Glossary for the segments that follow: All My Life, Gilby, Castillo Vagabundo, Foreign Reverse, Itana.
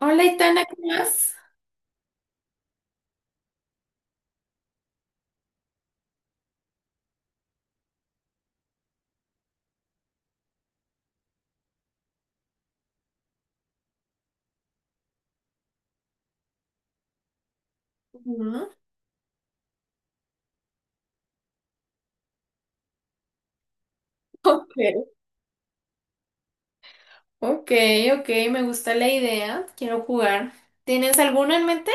Hola, Itana, ¿cómo vas? Ujú. Ok, ok, ok, me gusta la idea. Quiero jugar. ¿Tienes alguno en mente?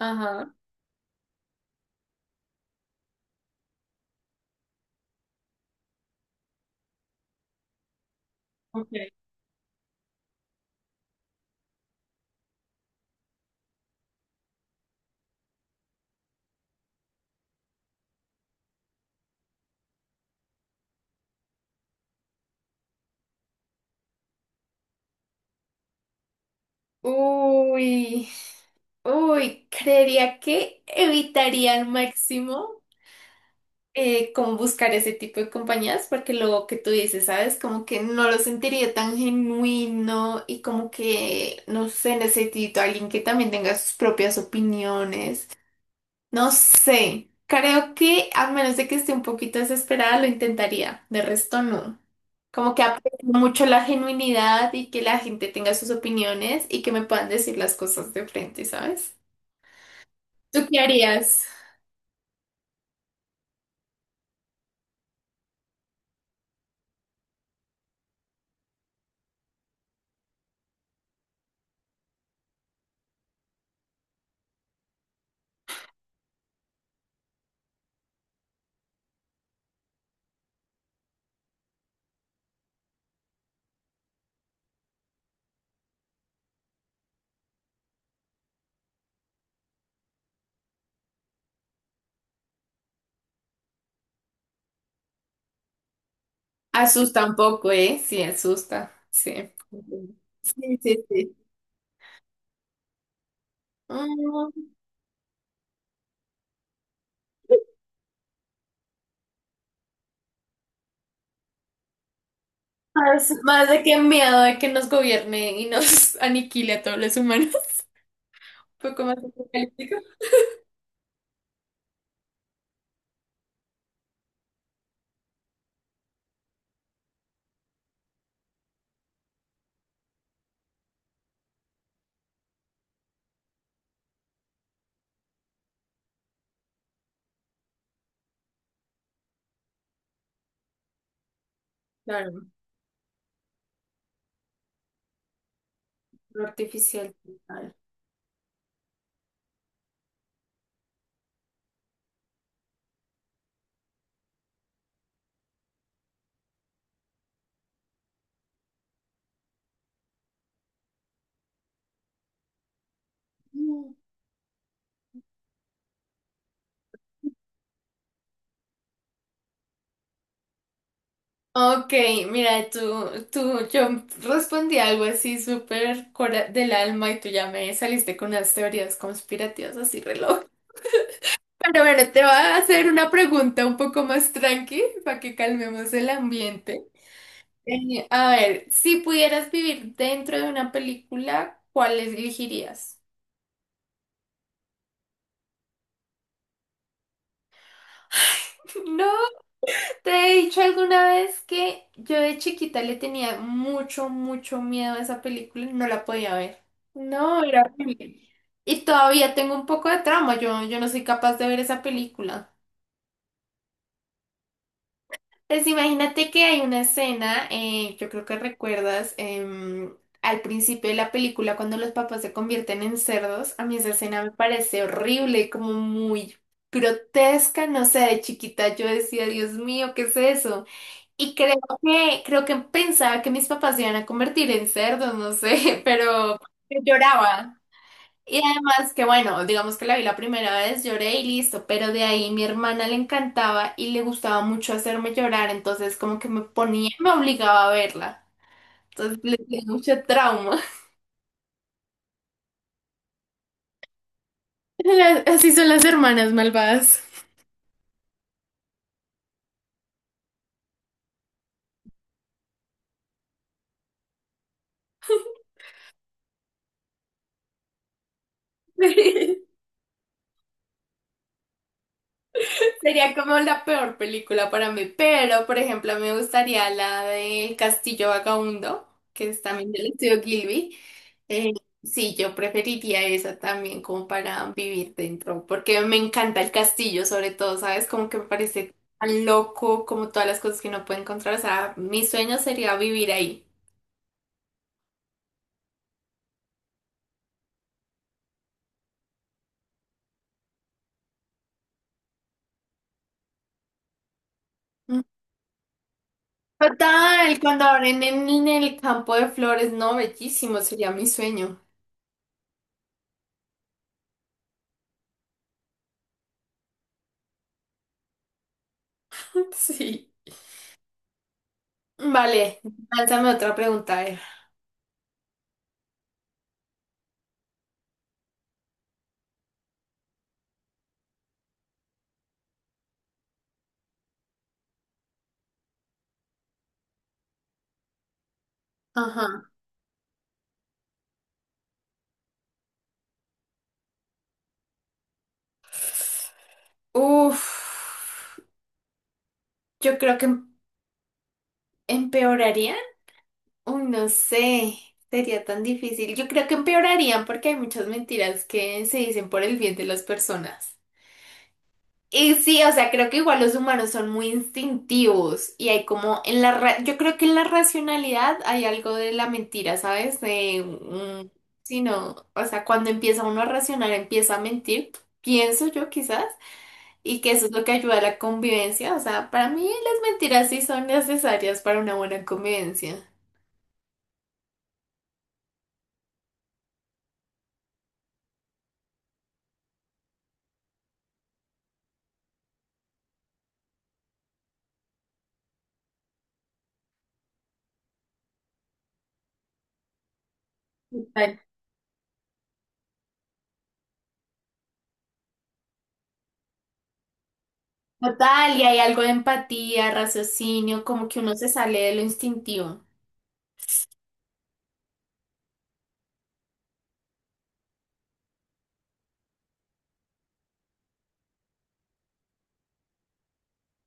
Ajá, okay. Uy, uy, creería que evitaría al máximo como buscar ese tipo de compañías, porque lo que tú dices, ¿sabes? Como que no lo sentiría tan genuino y como que, no sé, necesito a alguien que también tenga sus propias opiniones. No sé, creo que a menos de que esté un poquito desesperada lo intentaría, de resto no. Como que aprecio mucho la genuinidad y que la gente tenga sus opiniones y que me puedan decir las cosas de frente, ¿sabes? ¿Tú qué harías? Asusta un poco, ¿eh? Sí, asusta, sí. Sí, sí, sí. Mm, más, más de que miedo de que nos gobierne y nos aniquile a todos los humanos. Un poco más apocalíptico. Claro, lo artificial. Total. Ok, mira, tú, yo respondí algo así súper cora- del alma y tú ya me saliste con unas teorías conspirativas así reloj. Pero bueno, te voy a hacer una pregunta un poco más tranqui para que calmemos el ambiente. A ver, si pudieras vivir dentro de una película, ¿cuál elegirías? No. Te he dicho alguna vez que yo de chiquita le tenía mucho, mucho miedo a esa película y no la podía ver. No, era horrible. Y todavía tengo un poco de trauma, yo no soy capaz de ver esa película. Pues imagínate que hay una escena, yo creo que recuerdas, al principio de la película cuando los papás se convierten en cerdos, a mí esa escena me parece horrible, como muy grotesca, no sé, de chiquita yo decía, Dios mío, ¿qué es eso? Y creo que pensaba que mis papás se iban a convertir en cerdos, no sé, pero lloraba. Y además que bueno, digamos que la vi la primera vez, lloré y listo, pero de ahí mi hermana le encantaba y le gustaba mucho hacerme llorar, entonces como que me ponía, me obligaba a verla. Entonces le tenía mucho trauma. Las- Así son las hermanas malvadas. Sería como la peor película para mí, pero por ejemplo me gustaría la de Castillo Vagabundo, que es también del estudio Gilby. Eh, sí, yo preferiría esa también como para vivir dentro, porque me encanta el castillo sobre todo, ¿sabes? Como que me parece tan loco, como todas las cosas que no puede encontrar, o sea, mi sueño sería vivir ahí. Mm. Total, cuando abren en el campo de flores, no, bellísimo, sería mi sueño. Sí. Vale, lánzame otra pregunta, a ver. Ajá. Uf, yo creo que em- empeorarían. Uy, no sé, sería tan difícil. Yo creo que empeorarían porque hay muchas mentiras que se dicen por el bien de las personas. Y sí, o sea, creo que igual los humanos son muy instintivos y hay como en la ra- yo creo que en la racionalidad hay algo de la mentira, ¿sabes? De sí, no, o sea, cuando empieza uno a racionar, empieza a mentir, pienso yo quizás. Y que eso es lo que ayuda a la convivencia. O sea, para mí las mentiras sí son necesarias para una buena convivencia. Total, Total, y hay algo de empatía, raciocinio, como que uno se sale de lo instintivo.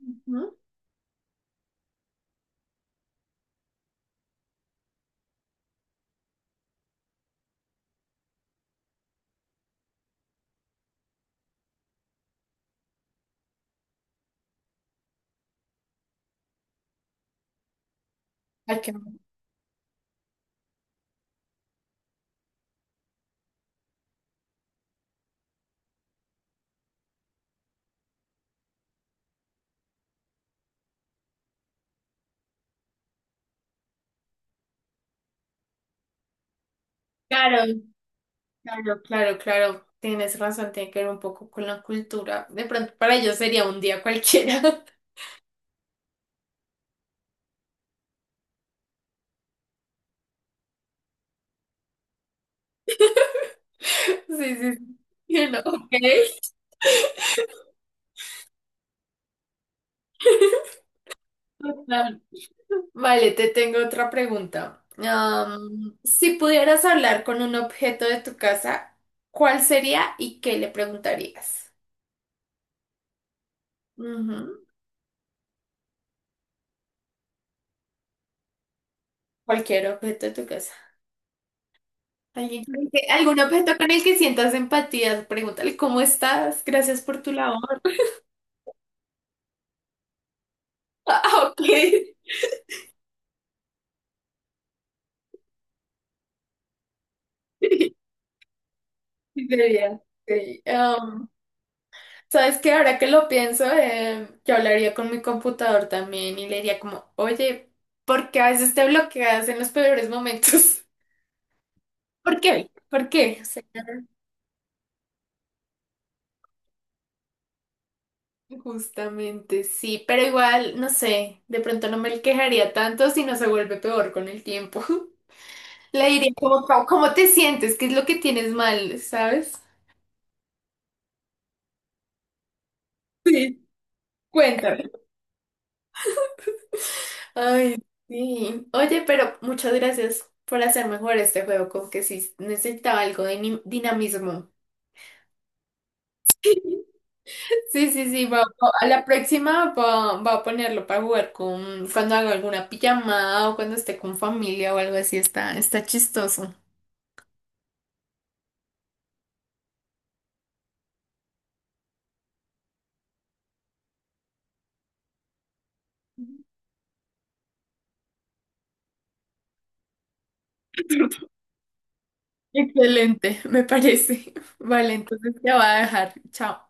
Ujú. Hay que- Claro, claro, claro, claro. Tienes razón, tiene que ver un poco con la cultura. De pronto para ellos sería un día cualquiera. Sí, sí, sí. Y ok. Total. Vale, te tengo otra pregunta. Am, si pudieras hablar con un objeto de tu casa, ¿cuál sería y qué le preguntarías? Ujú. Cualquier objeto de tu casa. Alguien con el que- algún objeto con el que sientas empatía, pregúntale cómo estás, gracias por tu labor. Ah, ok. Sí, sería. Sí. ¿Sabes qué? Ahora que lo pienso, yo hablaría con mi computador también y le diría como, oye, ¿por qué a veces te bloqueas en los peores momentos? ¿Por qué? ¿Por qué? O sea, justamente sí, pero igual, no sé, de pronto no me quejaría tanto si no se vuelve peor con el tiempo. Le diría como, "Pau, ¿cómo te sientes? ¿Qué es lo que tienes mal? ¿Sabes? Sí, cuéntame. Ay, sí. Oye, pero muchas gracias por hacer mejor este juego, como que sí necesitaba algo de ni- dinamismo. Sí, sí, sí, va, va- a la próxima va a ponerlo para jugar con cuando haga alguna pijamada o cuando esté con familia o algo así, está, está chistoso. Excelente, me parece. Vale, entonces te va a dejar. Chao.